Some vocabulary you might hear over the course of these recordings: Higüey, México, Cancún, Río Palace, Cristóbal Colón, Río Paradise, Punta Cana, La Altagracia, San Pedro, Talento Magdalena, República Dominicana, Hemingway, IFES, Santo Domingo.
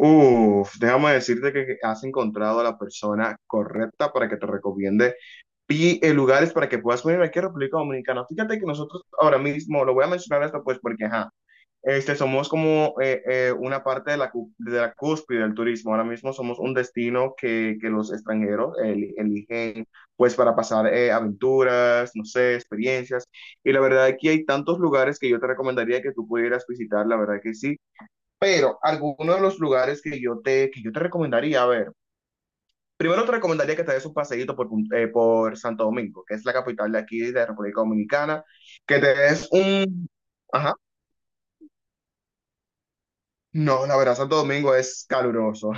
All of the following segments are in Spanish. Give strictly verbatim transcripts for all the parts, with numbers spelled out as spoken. Uf, déjame decirte que has encontrado a la persona correcta para que te recomiende y eh, lugares para que puedas venir aquí a República Dominicana. Fíjate que nosotros ahora mismo, lo voy a mencionar esto pues porque, ajá, este, somos como eh, eh, una parte de la, cu- de la cúspide del turismo. Ahora mismo somos un destino que, que los extranjeros el- eligen pues para pasar eh, aventuras, no sé, experiencias. Y la verdad aquí hay tantos lugares que yo te recomendaría que tú pudieras visitar, la verdad que sí. Pero algunos de los lugares que yo te, que yo te recomendaría, a ver, primero te recomendaría que te des un paseíto por, Pun- eh, por Santo Domingo, que es la capital de aquí, de República Dominicana, que te des un... Ajá. No, la verdad, Santo Domingo es caluroso.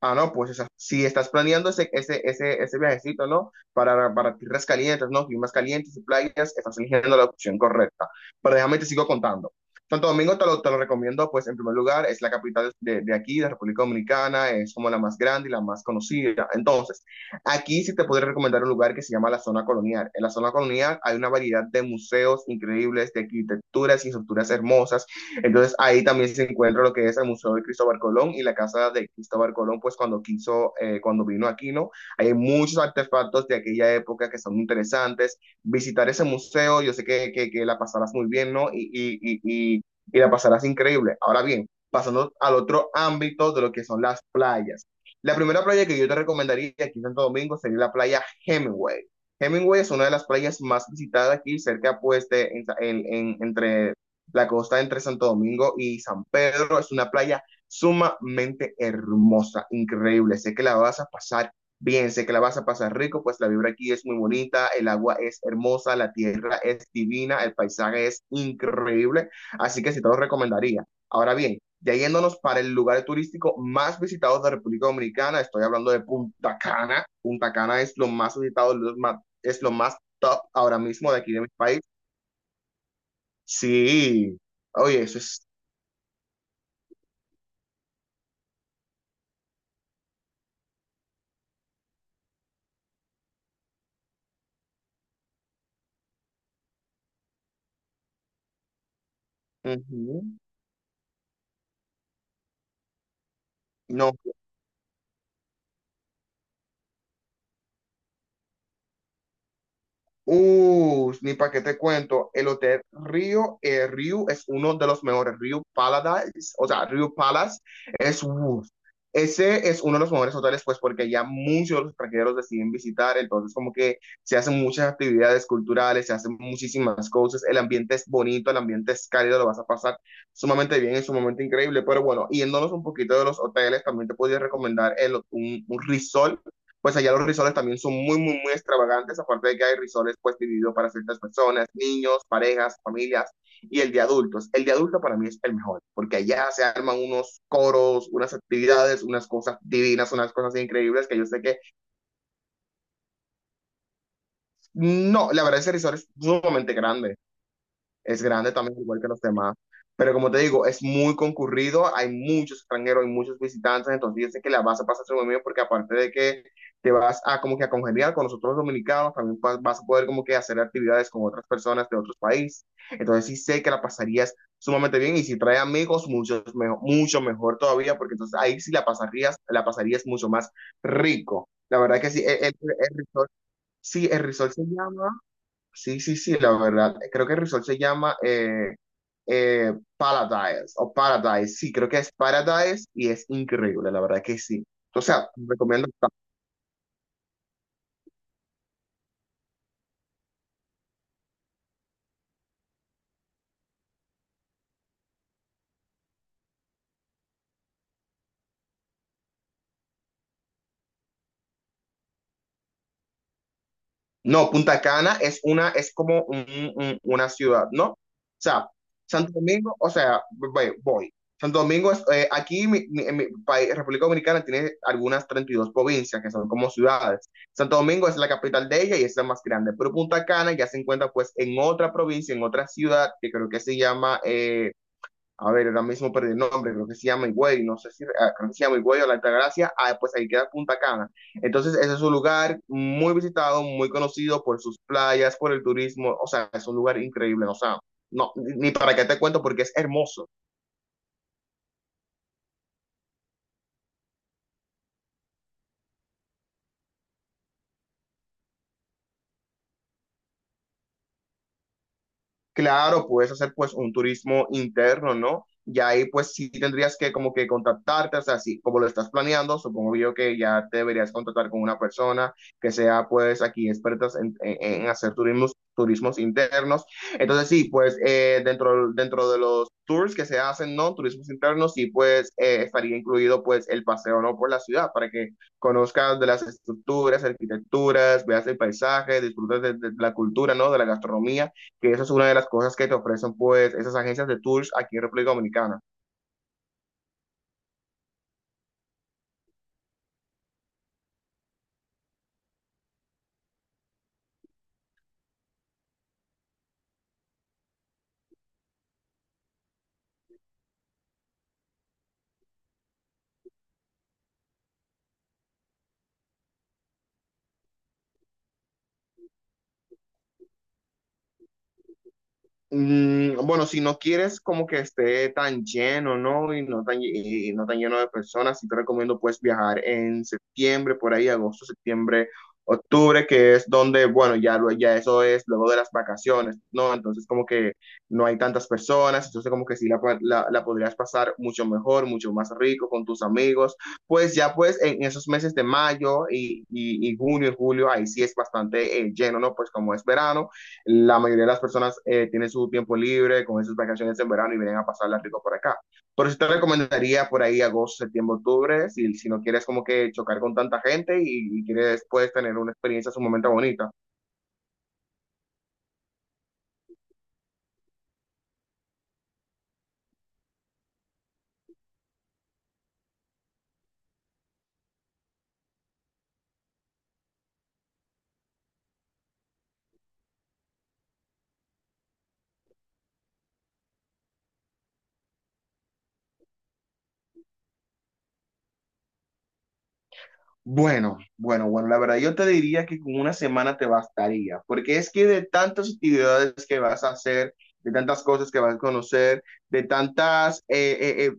Ah, no, pues o sea, si estás planeando ese, ese, ese, ese viajecito, ¿no? Para, para tierras calientes, ¿no? Climas calientes y playas, estás eligiendo la opción correcta. Pero déjame te sigo contando. Santo Domingo te lo, te lo recomiendo, pues en primer lugar, es la capital de, de aquí, de República Dominicana, es como la más grande y la más conocida. Entonces, aquí sí te podría recomendar un lugar que se llama la zona colonial. En la zona colonial hay una variedad de museos increíbles, de arquitecturas y estructuras hermosas. Entonces ahí también se encuentra lo que es el Museo de Cristóbal Colón y la casa de Cristóbal Colón, pues cuando quiso, eh, cuando vino aquí, ¿no? Hay muchos artefactos de aquella época que son interesantes. Visitar ese museo, yo sé que, que, que la pasarás muy bien, ¿no? Y, y, y, y, y la pasarás increíble. Ahora bien, pasando al otro ámbito de lo que son las playas. La primera playa que yo te recomendaría aquí en Santo Domingo sería la playa Hemingway. Hemingway es una de las playas más visitadas aquí, cerca pues de, en, en, entre la costa entre Santo Domingo y San Pedro. Es una playa sumamente hermosa, increíble. Sé que la vas a pasar bien, sé que la vas a pasar rico, pues la vibra aquí es muy bonita, el agua es hermosa, la tierra es divina, el paisaje es increíble, así que sí te lo recomendaría. Ahora bien, ya yéndonos para el lugar turístico más visitado de República Dominicana, estoy hablando de Punta Cana. Punta Cana es lo más visitado, lo más, es lo más top ahora mismo de aquí de mi país. Sí, oye, eso es. Ujú. No, uh, ni para qué te cuento, el hotel Río, eh, Río es uno de los mejores, Río Paradise, o sea, Río Palace es, uh, ese es uno de los mejores hoteles, pues porque ya muchos de los extranjeros deciden visitar, entonces como que se hacen muchas actividades culturales, se hacen muchísimas cosas, el ambiente es bonito, el ambiente es cálido, lo vas a pasar sumamente bien, es sumamente increíble, pero bueno, yéndonos un poquito de los hoteles, también te podría recomendar el, un, un resort. Pues allá los risoles también son muy, muy, muy extravagantes, aparte de que hay risoles pues divididos para ciertas personas, niños, parejas, familias y el de adultos. El de adultos para mí es el mejor, porque allá se arman unos coros, unas actividades, unas cosas divinas, unas cosas increíbles que yo sé que no, la verdad ese risol es sumamente grande. Es grande también, igual que los demás. Pero como te digo, es muy concurrido, hay muchos extranjeros, hay muchos visitantes, entonces yo sé que la vas a pasar súper bien, porque aparte de que te vas a como que a congeniar con nosotros los dominicanos, también vas, vas a poder como que hacer actividades con otras personas de otros países. Entonces sí sé que la pasarías sumamente bien, y si traes amigos, mucho mejor, mucho mejor todavía, porque entonces ahí sí la pasarías, la pasarías mucho más rico. La verdad que sí, el, el, el resort, sí, el resort se llama... Sí, sí, sí, la verdad. Creo que el resort se llama eh, eh, Paradise o Paradise. Sí, creo que es Paradise y es increíble, la verdad que sí. O sea, recomiendo. No, Punta Cana es una, es como un- un- una ciudad, ¿no? O sea, Santo Domingo, o sea, voy, voy. Santo Domingo es, eh, aquí mi, mi- en mi país, República Dominicana tiene algunas treinta y dos provincias que son como ciudades. Santo Domingo es la capital de ella y es la más grande, pero Punta Cana ya se encuentra pues en otra provincia, en otra ciudad que creo que se llama eh, a ver, ahora mismo perdí el nombre, creo que se llama Higüey, no sé si, ah, creo que se llama Higüey o La Altagracia, ah, pues ahí queda Punta Cana. Entonces, ese es un lugar muy visitado, muy conocido por sus playas, por el turismo, o sea, es un lugar increíble, o sea, no, ni para qué te cuento porque es hermoso. Claro, puedes hacer pues un turismo interno, ¿no? Y ahí pues sí tendrías que como que contactarte, o sea, así como lo estás planeando, supongo yo que ya te deberías contactar con una persona que sea pues aquí expertas en, en- en hacer turismos, turismos internos. Entonces sí, pues eh, dentro, dentro de los tours que se hacen, ¿no? Turismos internos, sí pues eh, estaría incluido pues el paseo, ¿no? Por la ciudad para que conozcas de las estructuras, arquitecturas, veas el paisaje, disfrutes de, de la cultura, ¿no? De la gastronomía, que esa es una de las cosas que te ofrecen pues esas agencias de tours aquí en República Dominicana. Mm, bueno, si no quieres como que esté tan lleno, ¿no? Y no tan, y no tan lleno de personas, sí te recomiendo pues viajar en septiembre, por ahí, agosto, septiembre, octubre, que es donde, bueno, ya, lo- ya eso es luego de las vacaciones, ¿no? Entonces como que no hay tantas personas, entonces como que sí la, pa- la, la podrías pasar mucho mejor, mucho más rico con tus amigos. Pues ya pues en esos meses de mayo y, y, y junio y julio, ahí sí es bastante eh, lleno, ¿no? Pues como es verano. La mayoría de las personas eh, tienen su tiempo libre con esas vacaciones en verano y vienen a pasarla rico por acá. Por eso te recomendaría por ahí agosto, septiembre, octubre, si, si no quieres como que chocar con tanta gente y, y quieres después tener una experiencia sumamente bonita. Bueno, bueno, bueno, la verdad yo te diría que con una semana te bastaría, porque es que de tantas actividades que vas a hacer, de tantas cosas que vas a conocer, de tantas eh, eh, eh,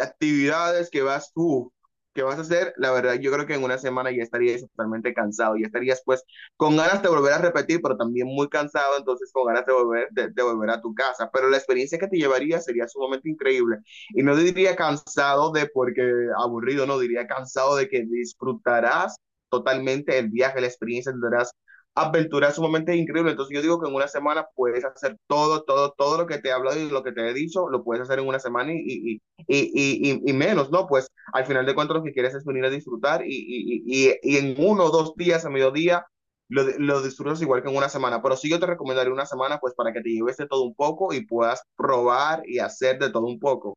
actividades que vas tú, que vas a hacer, la verdad, yo creo que en una semana ya estarías totalmente cansado, ya estarías pues con ganas de volver a repetir, pero también muy cansado, entonces con ganas de volver, de, de volver a tu casa. Pero la experiencia que te llevaría sería sumamente increíble. Y no diría cansado de porque aburrido, no diría cansado de que disfrutarás totalmente el viaje, la experiencia, tendrás aventuras sumamente increíbles. Entonces yo digo que en una semana puedes hacer todo, todo, todo lo que te he hablado y lo que te he dicho, lo puedes hacer en una semana y, y, y, y, y, y menos, ¿no? Pues al final de cuentas lo que quieres es venir a disfrutar y, y y y en uno o dos días a mediodía lo, lo, disfrutas igual que en una semana, pero sí yo te recomendaría una semana pues para que te lleves de todo un poco y puedas probar y hacer de todo un poco.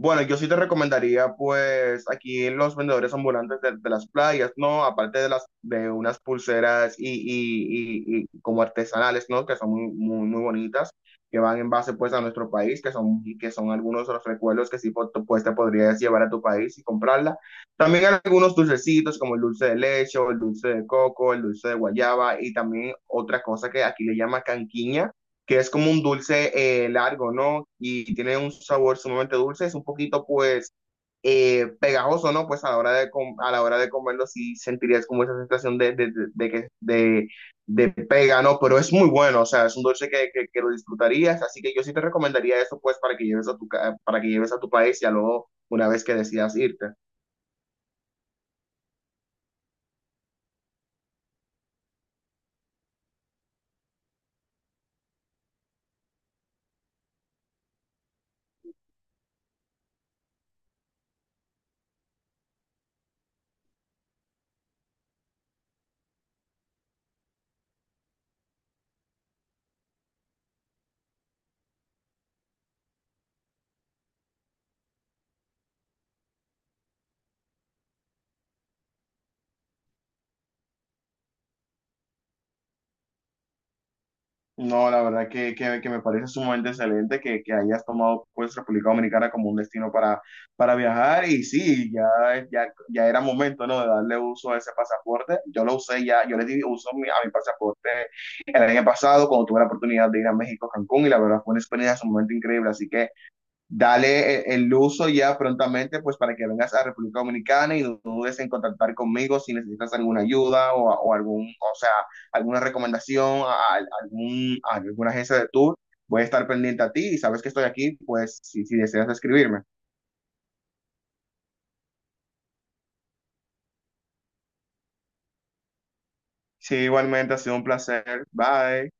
Bueno, yo sí te recomendaría, pues, aquí los vendedores ambulantes de, de las playas, ¿no? Aparte de las, de unas pulseras y, y, y, y como artesanales, ¿no? Que son muy, muy, muy bonitas, que van en base, pues, a nuestro país, que son, que son algunos de los recuerdos que sí, po- pues, te podrías llevar a tu país y comprarla. También hay algunos dulcecitos, como el dulce de leche, o el dulce de coco, el dulce de guayaba, y también otra cosa que aquí le llama canquiña, que es como un dulce eh, largo, ¿no? Y tiene un sabor sumamente dulce, es un poquito pues eh, pegajoso, ¿no? Pues a la hora de, com- a la hora de comerlo sí sentirías como esa sensación de, de, de, de que, de, de pega, ¿no? Pero es muy bueno, o sea, es un dulce que, que, que lo disfrutarías, así que yo sí te recomendaría eso pues para que lleves a tu, ca- para que lleves a tu país ya luego una vez que decidas irte. No, la verdad que, que, que me parece sumamente excelente que, que hayas tomado pues República Dominicana como un destino para, para viajar y sí, ya, ya, ya era momento, ¿no? De darle uso a ese pasaporte. Yo lo usé ya, yo le di uso a mi, a mi pasaporte el año pasado cuando tuve la oportunidad de ir a México, Cancún, y la verdad fue una experiencia sumamente increíble. Así que dale eh, el uso ya prontamente, pues para que vengas a República Dominicana, y no dudes en contactar conmigo si necesitas alguna ayuda o, o algún, o sea, alguna recomendación a, a algún, a alguna agencia de tour. Voy a estar pendiente a ti y sabes que estoy aquí, pues si, si deseas escribirme. Sí, igualmente ha sido un placer. Bye.